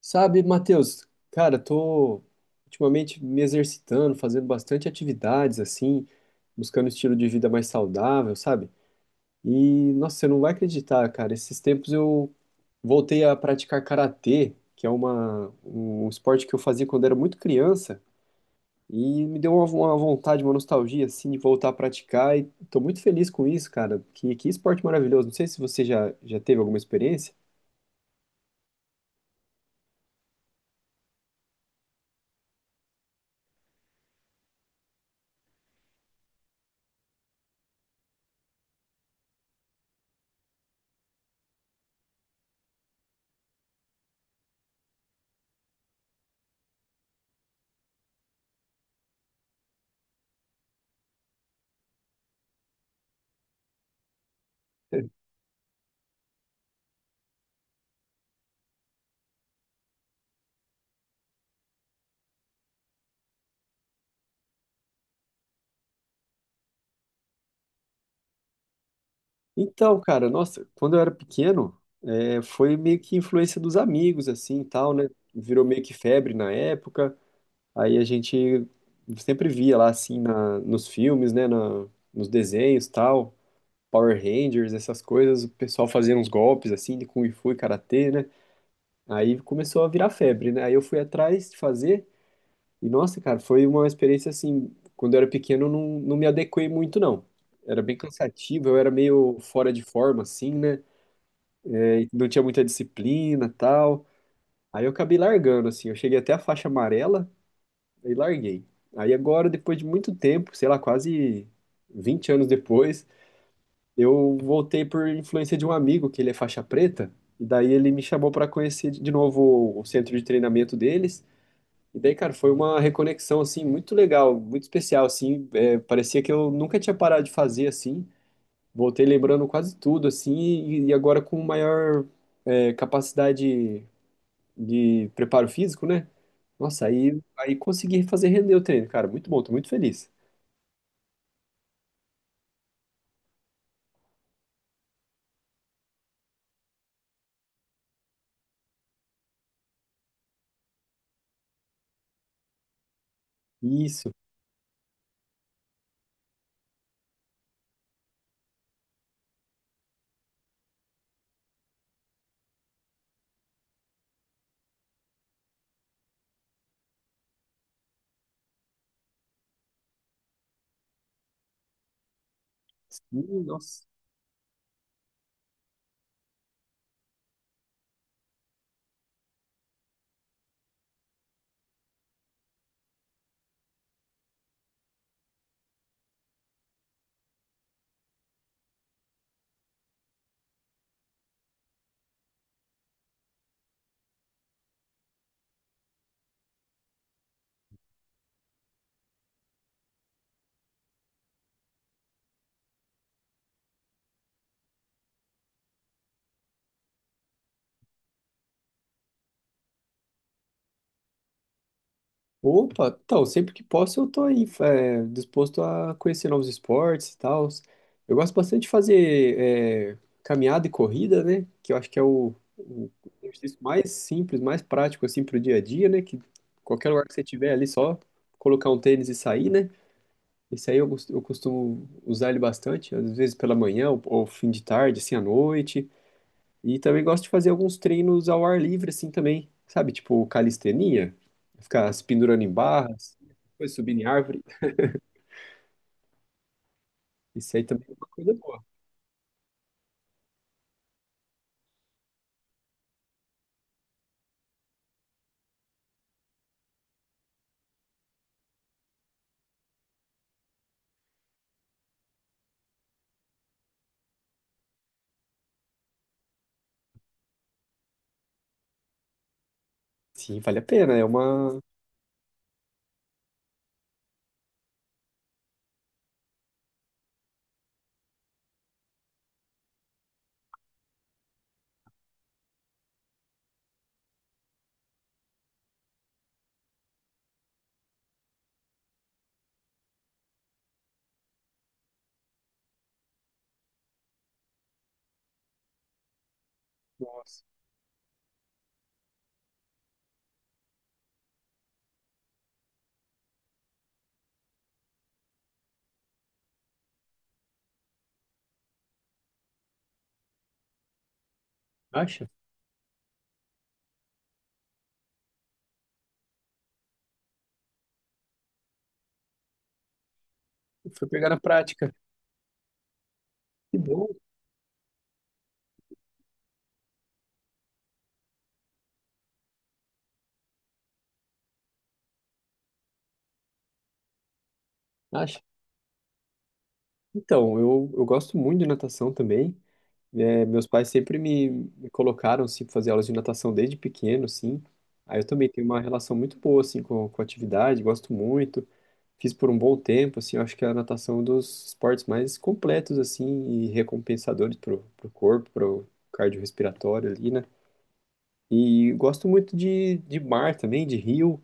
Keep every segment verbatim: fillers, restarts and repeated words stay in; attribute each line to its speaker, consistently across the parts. Speaker 1: Sabe, Matheus, cara, tô ultimamente me exercitando, fazendo bastante atividades assim, buscando um estilo de vida mais saudável, sabe? E nossa, você não vai acreditar, cara, esses tempos eu voltei a praticar karatê, que é uma, um esporte que eu fazia quando era muito criança, e me deu uma, uma vontade, uma nostalgia assim de voltar a praticar e tô muito feliz com isso, cara. Que, que esporte maravilhoso. Não sei se você já, já teve alguma experiência. Então, cara, nossa, quando eu era pequeno, é, foi meio que influência dos amigos, assim, e tal, né? Virou meio que febre na época. Aí a gente sempre via lá, assim, na, nos filmes, né? Na, nos desenhos, tal. Power Rangers, essas coisas. O pessoal fazia uns golpes, assim, de Kung Fu e Karatê, né? Aí começou a virar febre, né? Aí eu fui atrás de fazer. E, nossa, cara, foi uma experiência, assim, quando eu era pequeno, eu não, não me adequei muito, não. Era bem cansativo, eu era meio fora de forma, assim, né? Aí não tinha muita disciplina, tal. Aí eu acabei largando, assim. Eu cheguei até a faixa amarela e larguei. Aí agora, depois de muito tempo, sei lá, quase vinte anos depois, eu voltei por influência de um amigo, que ele é faixa preta. E daí ele me chamou para conhecer de novo o centro de treinamento deles. E daí, cara, foi uma reconexão, assim, muito legal, muito especial, assim. É, parecia que eu nunca tinha parado de fazer, assim. Voltei lembrando quase tudo, assim, e, e agora com maior, é, capacidade de preparo físico, né? Nossa, aí, aí consegui fazer render o treino, cara. Muito bom, tô muito feliz. Isso. Sim, nossa. Opa, então, sempre que posso eu tô aí, é, disposto a conhecer novos esportes e tal. Eu gosto bastante de fazer é, caminhada e corrida, né? Que eu acho que é o, o exercício mais simples, mais prático, assim, pro dia a dia, né? Que qualquer lugar que você tiver ali, só colocar um tênis e sair, né? Esse aí eu, gost- eu costumo usar ele bastante, às vezes pela manhã ou, ou fim de tarde, assim, à noite. E também gosto de fazer alguns treinos ao ar livre, assim, também. Sabe, tipo calistenia, ficar se pendurando em barras, depois subindo em árvore. Isso aí também é uma coisa boa. Sim, vale a pena, é uma... Nossa. Acha? Foi pegar na prática. Que bom. Acha? Então, eu, eu gosto muito de natação também. É, meus pais sempre me, me colocaram, assim, pra fazer aulas de natação desde pequeno, assim. Aí eu também tenho uma relação muito boa, assim, com, com a atividade, gosto muito. Fiz por um bom tempo, assim, eu acho que a natação é um dos esportes mais completos, assim, e recompensadores pro, pro corpo, pro cardiorrespiratório ali, né? E gosto muito de, de mar também, de rio,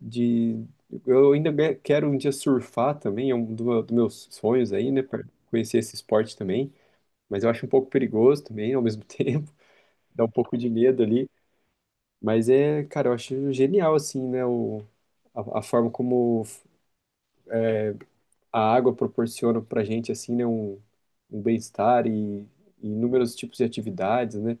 Speaker 1: de... Eu ainda be- quero um dia surfar também, é um do meu- dos meus sonhos aí, né? Pra conhecer esse esporte também, mas eu acho um pouco perigoso também, ao mesmo tempo dá um pouco de medo ali. Mas é, cara, eu acho genial, assim, né? O, a, a forma como a água proporciona pra gente, assim, né? Um, um bem-estar e, e inúmeros tipos de atividades, né?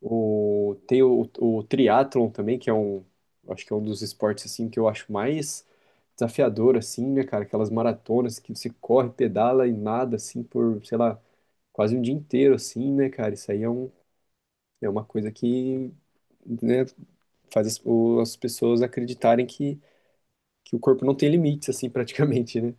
Speaker 1: O, tem o, o triatlon também, que é um, acho que é um dos esportes, assim, que eu acho mais desafiador, assim, né, cara? Aquelas maratonas que você corre, pedala e nada, assim, por, sei lá, quase um dia inteiro, assim, né, cara? Isso aí é um, é uma coisa que, né, faz as, o- as pessoas acreditarem que, que o corpo não tem limites, assim, praticamente, né?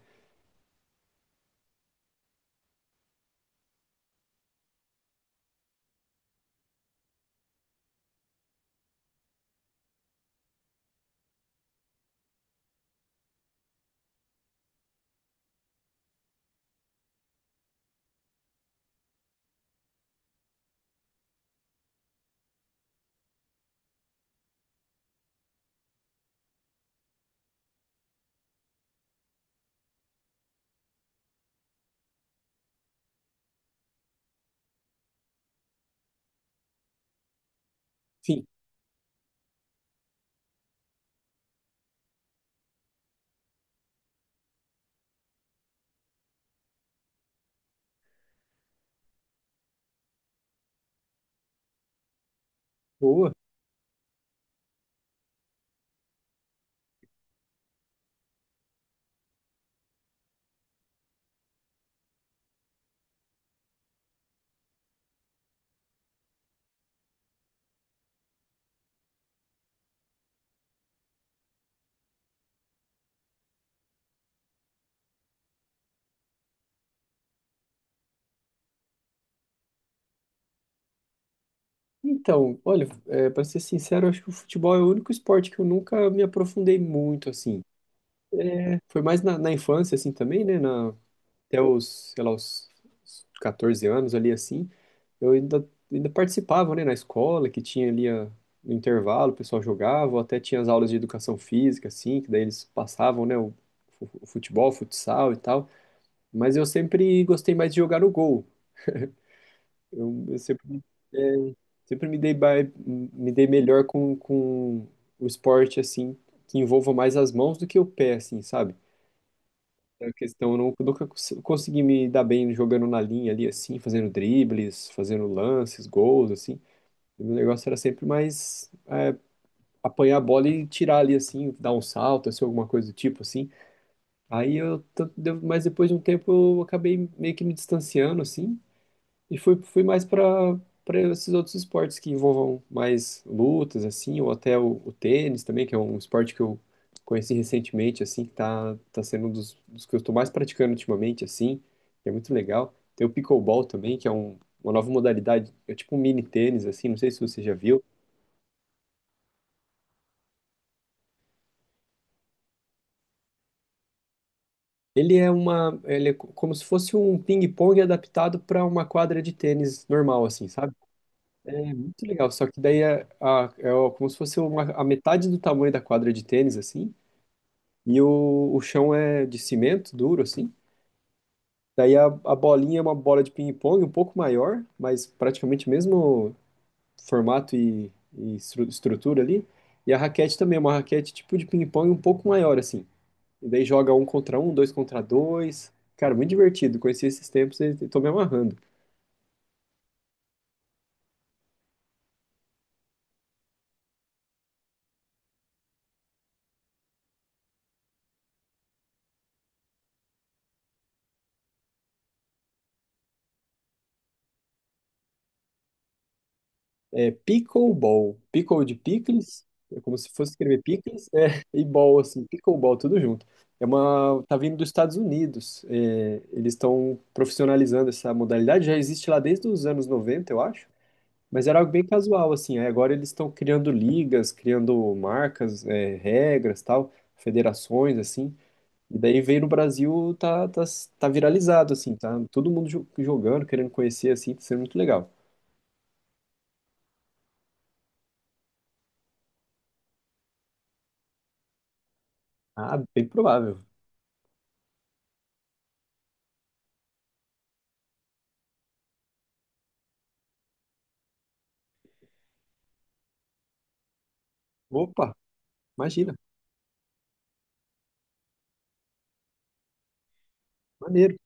Speaker 1: Enfim, boa. Então, olha, é, para ser sincero, eu acho que o futebol é o único esporte que eu nunca me aprofundei muito, assim. Foi mais na, na infância, assim, também, né? Na, até os, sei lá, os os catorze anos ali, assim. Eu ainda, ainda participava, né? Na escola, que tinha ali a, no intervalo, o pessoal jogava, ou até tinha as aulas de educação física, assim, que daí eles passavam, né? O, o futebol, o futsal e tal. Mas eu sempre gostei mais de jogar no gol. Eu, eu sempre, é, sempre me dei, ba- me dei melhor com, com o esporte, assim, que envolva mais as mãos do que o pé, assim, sabe? A questão, eu não- eu nunca cons- consegui me dar bem jogando na linha ali, assim, fazendo dribles, fazendo lances, gols, assim. O meu negócio era sempre mais apanhar a bola e tirar ali, assim, dar um salto, assim, alguma coisa do tipo, assim. Aí eu, tanto deu- mas depois de um tempo eu acabei meio que me distanciando, assim, e fui, fui mais para para esses outros esportes que envolvam mais lutas, assim, ou até o, o tênis também, que é um esporte que eu conheci recentemente, assim, que tá, tá sendo um dos, dos que eu estou mais praticando ultimamente, assim, que é muito legal. Tem o pickleball também, que é um, uma nova modalidade, é tipo um mini tênis, assim, não sei se você já viu. Ele é uma, ele é co- como se fosse um ping-pong adaptado para uma quadra de tênis normal, assim, sabe? É muito legal, só que daí é, a- é o- como se fosse uma, a metade do tamanho da quadra de tênis, assim, e o, o chão é de cimento duro, assim. Daí a, a bolinha é uma bola de ping-pong um pouco maior, mas praticamente mesmo formato e, e estru- estrutura ali. E a raquete também é uma raquete tipo de ping-pong um pouco maior, assim. E daí joga um contra um, dois contra dois. Cara, muito divertido. Conheci esses tempos e e tô me amarrando. É Pickleball. Pickle de picles, é como se fosse escrever picles, é, e ball, assim, pickleball, tudo junto. É uma, tá vindo dos Estados Unidos. É, eles estão profissionalizando essa modalidade, já existe lá desde os anos noventa, eu acho, mas era algo bem casual, assim. Aí agora eles estão criando ligas, criando marcas, é, regras, tal, federações, assim. E daí veio no Brasil, tá, tá, tá viralizado, assim, tá todo mundo jo- jogando, querendo conhecer, assim, tá sendo muito legal. Ah, bem provável. Opa! Imagina, maneiro.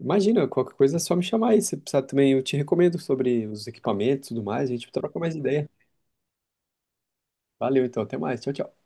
Speaker 1: Imagina, qualquer coisa é só me chamar aí. Se precisar também, eu te recomendo sobre os equipamentos e tudo mais. A gente troca mais ideia. Valeu, então. Até mais. Tchau, tchau.